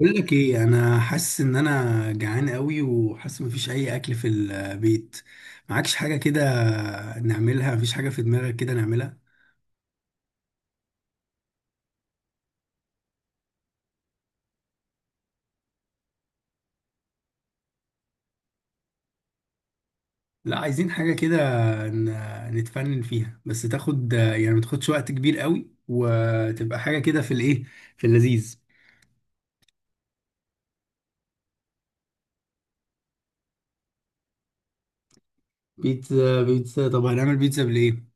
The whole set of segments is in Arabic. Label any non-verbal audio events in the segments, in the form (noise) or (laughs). بقول لك ايه، انا حاسس ان انا جعان قوي وحاسس مفيش اي اكل في البيت. معكش حاجه كده؟ نعملها، مفيش حاجه في دماغك كده نعملها؟ لا، عايزين حاجه كده، نتفنن فيها، بس تاخد يعني ما تاخدش وقت كبير قوي، وتبقى حاجه كده في الايه، في اللذيذ. بيتزا، بيتزا، طب هنعمل بيتزا بالايه؟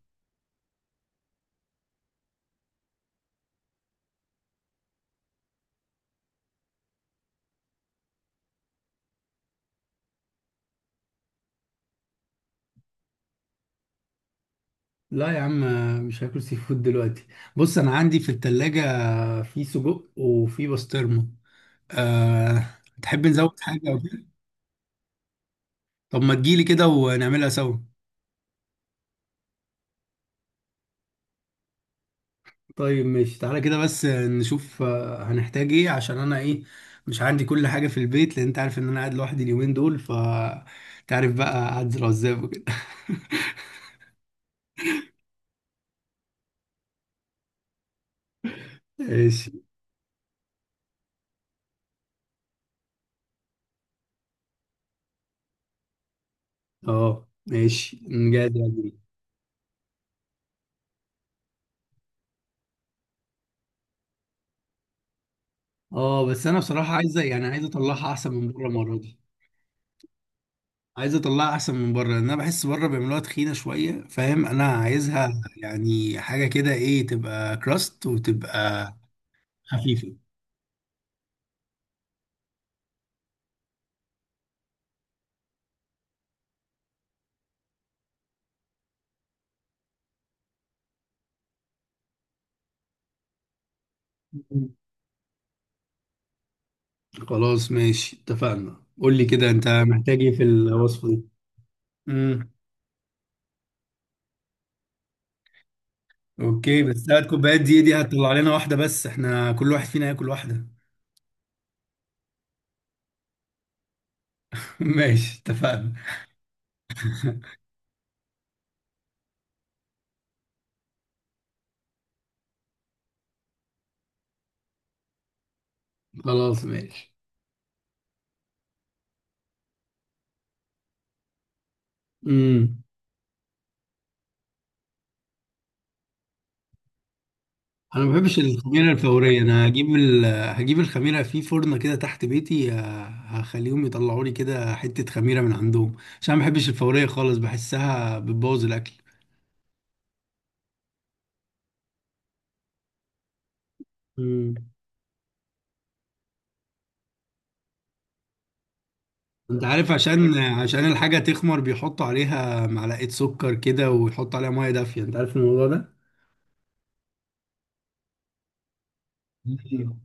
لا يا عم، مش هاكل سي فود دلوقتي. بص، انا عندي في التلاجة في سجق وفي بسطرمه. أه تحب نزود حاجه؟ طب ما تجيلي كده ونعملها سوا. طيب ماشي، تعالى كده بس نشوف، هنحتاج ايه؟ عشان انا ايه، مش عندي كل حاجة في البيت، لان انت عارف ان انا قاعد لوحدي اليومين دول. ف تعرف بقى، اعزل عزاب وكده. (laughs) ماشي. اه ماشي، نجاد يعني. اه، بس انا بصراحة عايزة يعني عايز اطلعها احسن من بره المرة دي. عايز اطلعها احسن من بره، لان انا بحس بره بيعملوها تخينة شوية، فاهم؟ انا عايزها يعني حاجة كده ايه، تبقى كراست وتبقى خفيفة. خلاص ماشي، اتفقنا. قول لي كده، انت محتاج ايه في الوصفة دي؟ امم اوكي، بس ثلاث كوبايات دي هتطلع لنا واحدة بس، احنا كل واحد فينا هياكل واحدة. (laughs) ماشي، اتفقنا. خلاص ماشي. امم انا ما بحبش الخميرة الفورية، انا هجيب هجيب الخميرة في فرن كده تحت بيتي، هخليهم يطلعوا لي كده حتة خميرة من عندهم، عشان ما بحبش الفورية خالص، بحسها بتبوظ الاكل. انت عارف، عشان الحاجة تخمر بيحطوا عليها معلقة سكر كده، ويحطوا عليها مية دافية، انت عارف الموضوع ده؟ أيوة.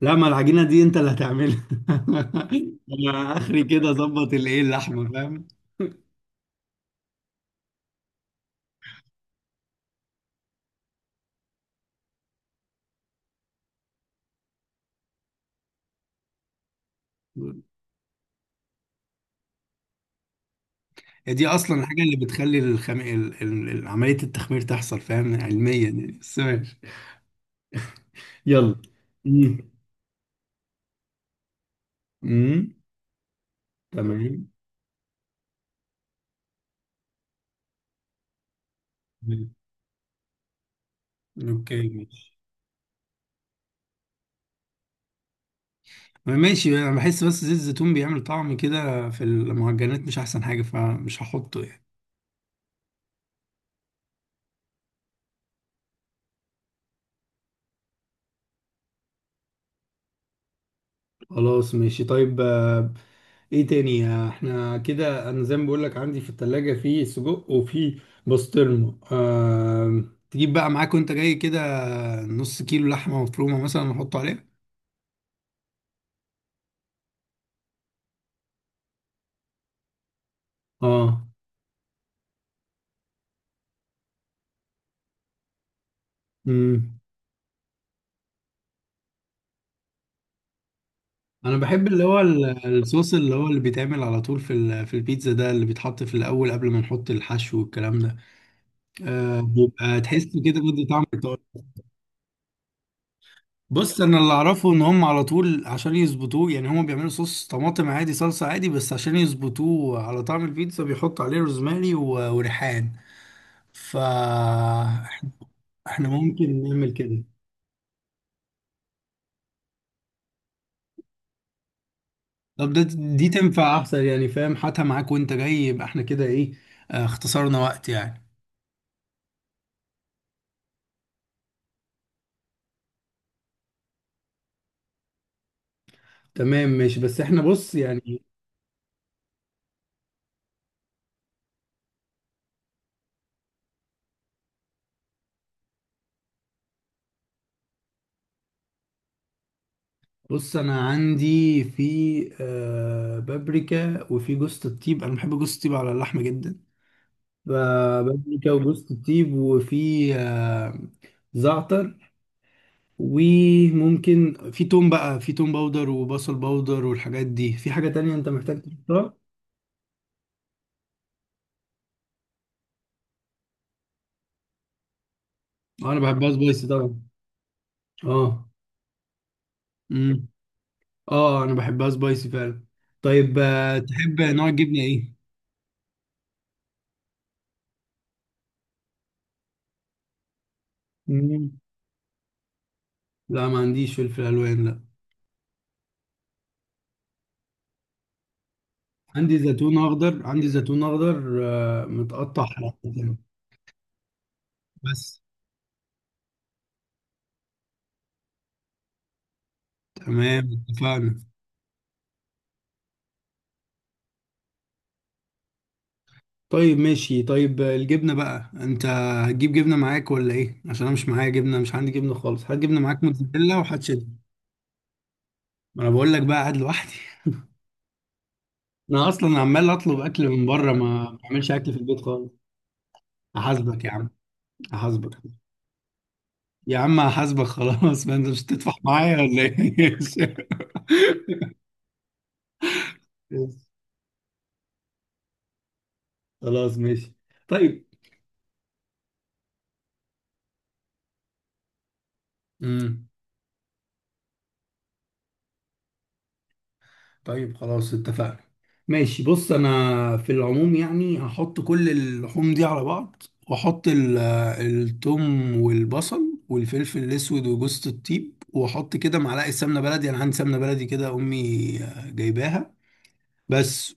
لا، ما العجينة دي انت اللي هتعملها. (laughs) انا اخري كده اظبط الايه، اللحمة، فاهم؟ هي دي اصلا الحاجة اللي بتخلي الخم... ال... ال... ال- عملية التخمير تحصل، فاهم؟ علميا يعني، بس ماشي. يلا. امم. امم. تمام. تمام. اوكي، ماشي. ماشي، انا بحس بس زيت الزيتون بيعمل طعم كده في المعجنات، مش احسن حاجة، فمش هحطه يعني. خلاص ماشي، طيب. ايه تاني؟ احنا كده، انا زي ما بقول لك، عندي في التلاجة في سجق وفي بسطرمة. تجيب بقى معاك وانت جاي كده نص كيلو لحمة مفرومة مثلا نحطه عليها. اه. امم انا بحب اللي هو الصوص، اللي هو اللي بيتعمل على طول في في البيتزا ده، اللي بيتحط في الاول قبل ما نحط الحشو والكلام ده. بيبقى تحس كده بدي طعم. بص، انا اللي اعرفه ان هم على طول عشان يظبطوه يعني، هم بيعملوا صوص طماطم عادي، صلصة عادي، بس عشان يظبطوه على طعم البيتزا بيحطوا عليه روزماري وريحان. ف احنا، إحنا ممكن نعمل كده. طب ده، دي تنفع احسن يعني، فاهم؟ هاتها معاك وانت جاي، يبقى احنا كده ايه، اختصرنا وقت يعني. تمام ماشي، بس احنا بص يعني، بص انا عندي في بابريكا، وفي جوز الطيب، انا بحب جوز الطيب على اللحمة جدا. ب- بابريكا وجوز الطيب، وفي زعتر، وممكن في توم بقى، في توم باودر وبصل باودر والحاجات دي، في حاجة تانية انت محتاج تحطها؟ اه انا بحبها سبايسي طبعا. اه. امم. اه انا بحبها سبايسي فعلا. طيب، تحب نوع الجبنة ايه؟ مم. لا، ما عنديش فلفل الوان، لا. عندي زيتون اخضر، عندي زيتون اخضر متقطع حلقتين. بس. تمام، اتفقنا. طيب ماشي، طيب الجبنة بقى، انت هتجيب جبنة معاك ولا ايه؟ عشان انا مش معايا جبنة، مش عندي جبنة خالص، هات جبنة معاك موتزاريلا وهات شيدر. ما انا بقول لك، بقى قاعد لوحدي. (laughs) انا اصلا عمال اطلب اكل من بره، ما بعملش اكل في البيت خالص. هحاسبك يا عم. هحاسبك. يا عم هحاسبك خلاص. (laughs) ما انت مش هتدفع معايا ولا ايه؟ (laughs) خلاص ماشي. طيب. امم طيب خلاص اتفقنا. ماشي بص، انا في العموم يعني هحط كل اللحوم دي على بعض، واحط التوم والبصل والفلفل الاسود وجوزة الطيب، واحط كده معلقه سمنه بلدي، انا عندي سمنه بلدي كده امي جايباها. بس.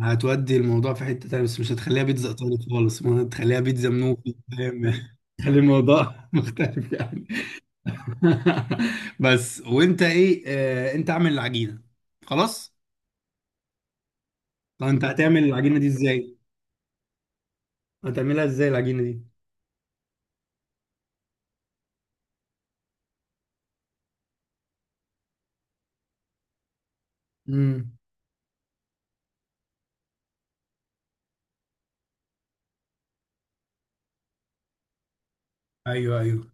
هتودي الموضوع في حتة تانية، بس مش هتخليها بيتزا ايطالي خالص، ما هتخليها بيتزا منوفي، فاهم؟ (laughs) تخلي الموضوع (laughs) مختلف يعني. (laughs) بس. وانت ايه، انت اعمل العجينة. خلاص. طب انت هتعمل العجينه دي ازاي؟ هتعملها ازاي العجينه دي؟ امم ايوه، ايوه.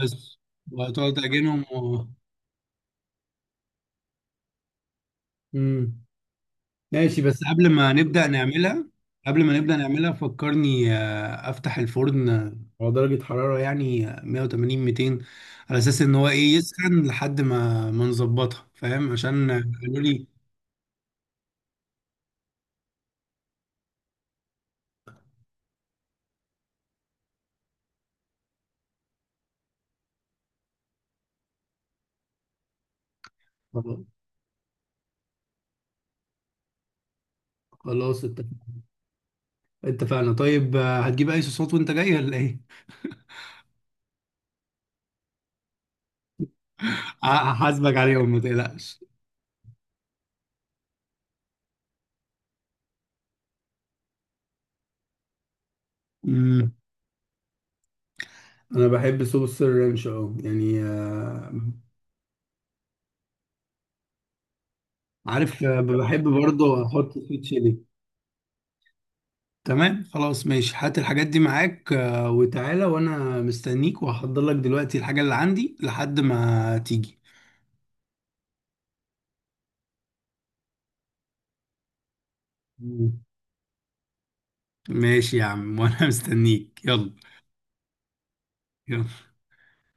بس، وهتقعد تعجنهم و... امم ماشي. بس قبل ما نبدا نعملها، قبل ما نبدا نعملها فكرني افتح الفرن على درجه حراره يعني 180، 200، على اساس ان هو ايه يسخن لحد ما نظبطها، فاهم؟ عشان قالوا لي. خلاص. خلاص اتفقنا. طيب، هتجيب اي صوصات وانت جاي ولا ايه؟ (laughs) هحاسبك عليهم، ما تقلقش. انا بحب صوص الرانش، اه يعني. عارف، بحب برضه احط سويت شيلي. تمام خلاص ماشي، هات الحاجات دي معاك وتعالى، وانا مستنيك، وهحضر لك دلوقتي الحاجة اللي عندي لحد ما تيجي. مم. ماشي يا عم، وانا مستنيك. يلا. يلا.